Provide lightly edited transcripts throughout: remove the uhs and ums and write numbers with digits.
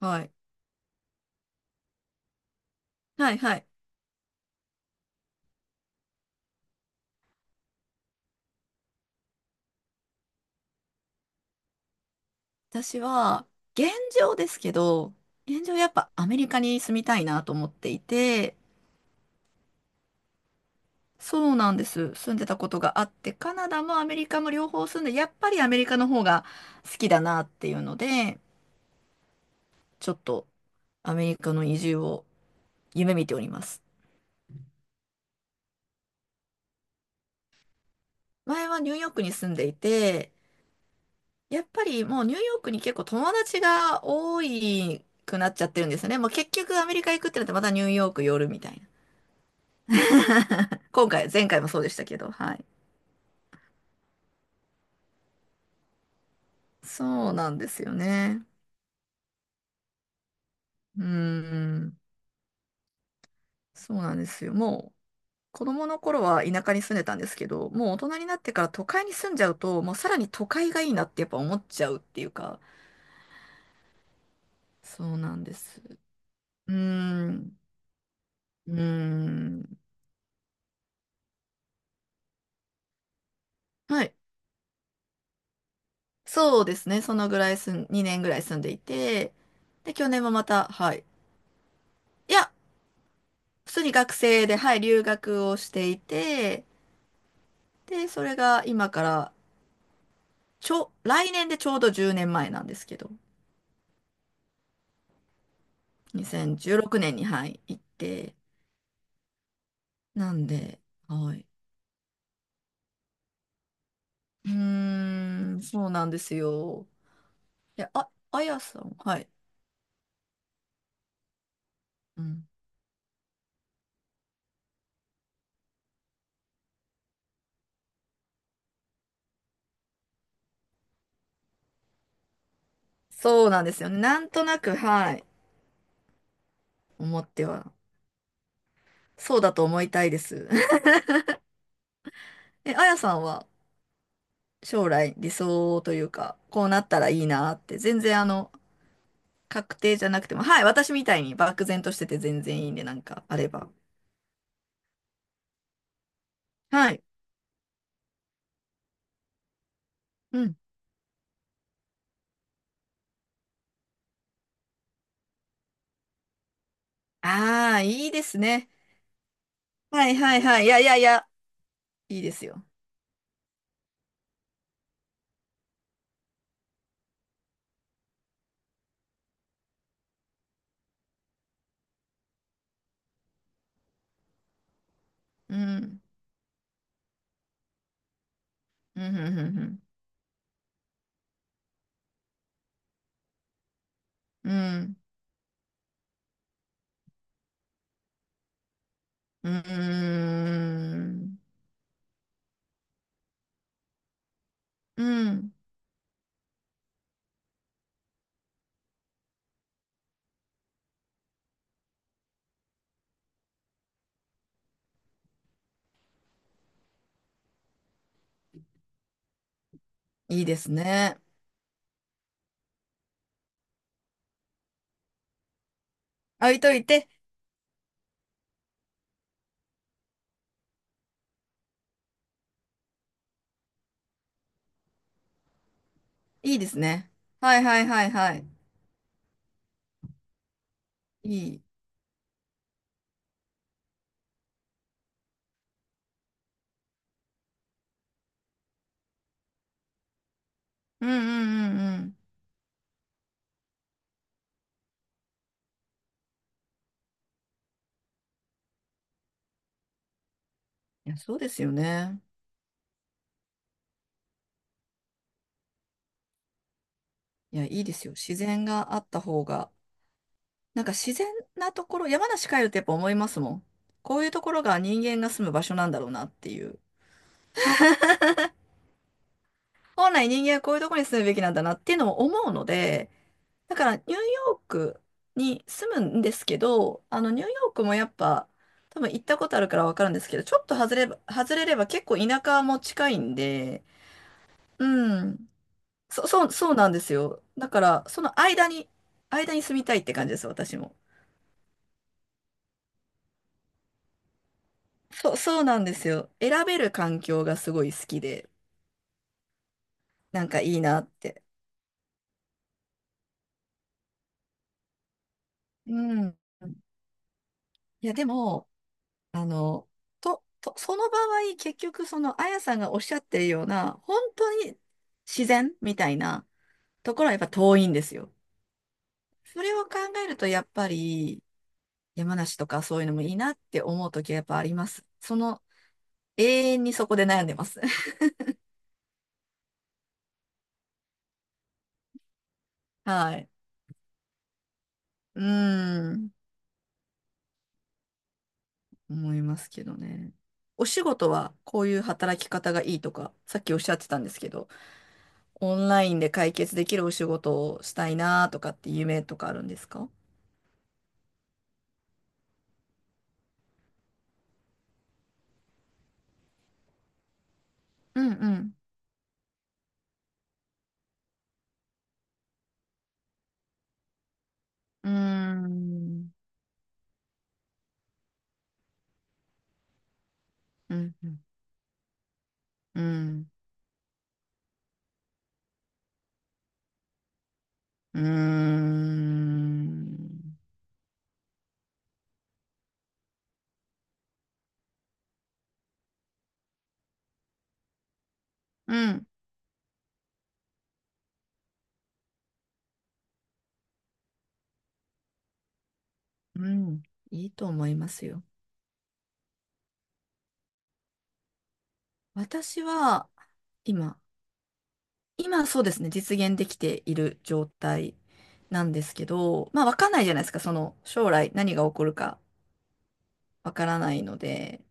はい。はいはい。私は、現状ですけど、現状やっぱアメリカに住みたいなと思っていて、そうなんです。住んでたことがあって、カナダもアメリカも両方住んで、やっぱりアメリカの方が好きだなっていうので、ちょっとアメリカの移住を夢見ております。前はニューヨークに住んでいて、やっぱりもうニューヨークに結構友達が多いくなっちゃってるんですよね。もう結局アメリカ行くってなってまたニューヨーク寄るみたいな。今回、前回もそうでしたけど、はい。そうなんですよね。うーん、そうなんですよ。もう、子供の頃は田舎に住んでたんですけど、もう大人になってから都会に住んじゃうと、もうさらに都会がいいなってやっぱ思っちゃうっていうか、そうなんです。うーん、うーん。はい。そうですね。そのぐらい2年ぐらい住んでいて、で、去年もまた、はい。いや、普通に学生で、はい、留学をしていて、で、それが今から、来年でちょうど10年前なんですけど、2016年に、はい、行って、なんで、はい。うーん、そうなんですよ。いや、あやさん、はい。うん。そうなんですよね。なんとなく、はい、思っては、そうだと思いたいです。え、あやさんは、将来、理想というか、こうなったらいいなって、全然、確定じゃなくても、はい、私みたいに漠然としてて全然いいんで、なんか、あれば。はい。うん。ああ、いいですね。はいはいはい。いやいやいや、いいですよ。うん。うん、うん、うん、うん。うん、うん、うん。いいですね。置いといて、いいですね。はいはいはいはい。いい。うん、うん、うん、うん。いや、そうですよね。いや、いいですよ。自然があった方が。なんか自然なところ、山梨帰るとやっぱ思いますもん。こういうところが人間が住む場所なんだろうなっていう。本来人間はこういうところに住むべきなんだなっていうのを思うので、だからニューヨークに住むんですけど、あのニューヨークもやっぱ多分行ったことあるからわかるんですけど、ちょっと外れば、外れれば結構田舎も近いんで、うん。そうなんですよ。だからその間に、間に住みたいって感じです、私も。そう、そうなんですよ。選べる環境がすごい好きで、なんかいいなって。うん。いや、でも、あの、その場合、結局、その、あやさんがおっしゃってるような、本当に自然みたいなところはやっぱ遠いんですよ。それを考えると、やっぱり、山梨とかそういうのもいいなって思うときはやっぱあります。その、永遠にそこで悩んでます。はい。うーん、思いますけどね。お仕事はこういう働き方がいいとか、さっきおっしゃってたんですけど、オンラインで解決できるお仕事をしたいなとかって夢とかあるんですか？うんうん。うーん、うん、うん、うーん、うん、うんいいと思いますよ。私は、今、今そうですね、実現できている状態なんですけど、まあ、わかんないじゃないですか、その、将来何が起こるかわからないので、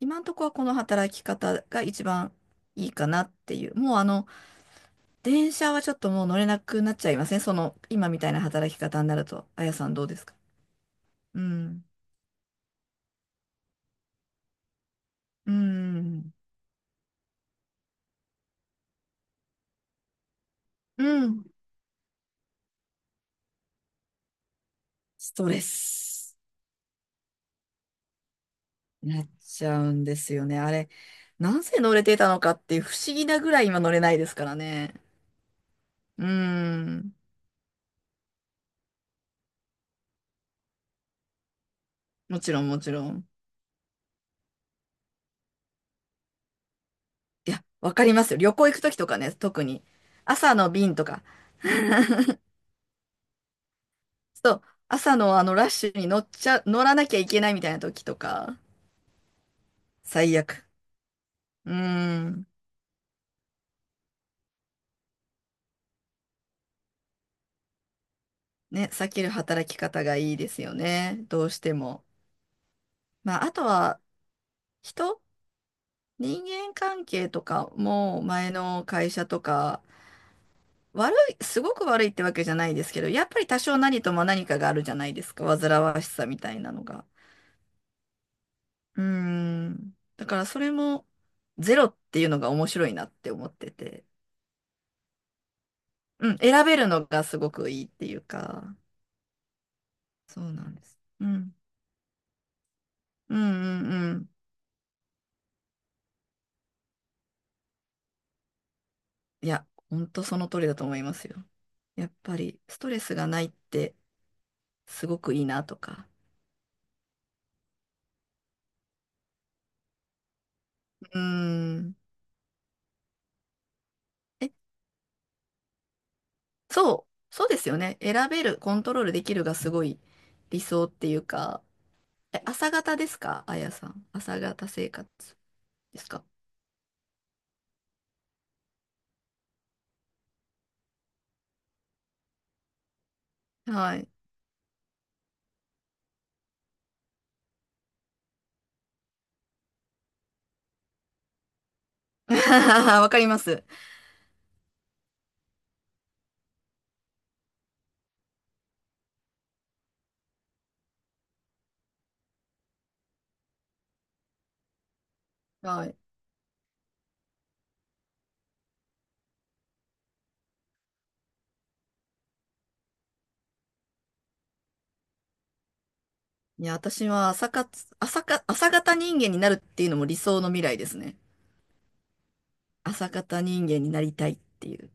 今のところはこの働き方が一番いいかなっていう。もう電車はちょっともう乗れなくなっちゃいますね、その、今みたいな働き方になると。あやさんどうですか？うん。うん。うん。ストレスになっちゃうんですよね。あれ、なぜ乗れてたのかっていう不思議なぐらい今乗れないですからね。うん。もちろんもちろん。いや、わかりますよ。旅行行くときとかね、特に。朝の便とか。そう。朝のあのラッシュに乗らなきゃいけないみたいな時とか。最悪。うーん。ね、避ける働き方がいいですよね。どうしても。まあ、あとは人人間関係とかも前の会社とか悪い、すごく悪いってわけじゃないですけど、やっぱり多少何とも何かがあるじゃないですか。煩わしさみたいなのが。うーん。だからそれもゼロっていうのが面白いなって思ってて。うん。選べるのがすごくいいっていうか。そうなんです。うん。うんうんうん。いや、ほんとその通りだと思いますよ。やっぱりストレスがないってすごくいいなとか。うーん。そう、そうですよね。選べる、コントロールできるがすごい理想っていうか、え、朝方ですかあやさん？朝方生活ですか？はい。わかります。はい。いや、私は朝活、朝か、朝方人間になるっていうのも理想の未来ですね。朝方人間になりたいっていう。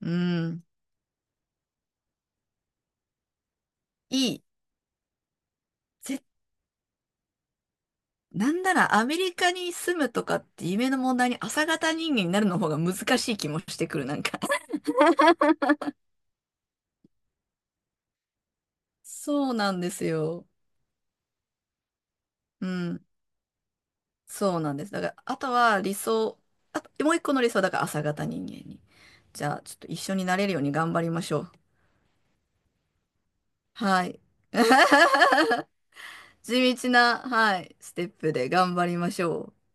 うん。いい。ぜ、なんならアメリカに住むとかって夢の問題に朝方人間になるの方が難しい気もしてくる、なんか。そうなんですよ。うん。そうなんです。だから、あとは理想、あと、もう一個の理想はだから朝型人間に。じゃあ、ちょっと一緒になれるように頑張りましょう。はい。地道な、はい、ステップで頑張りましょう。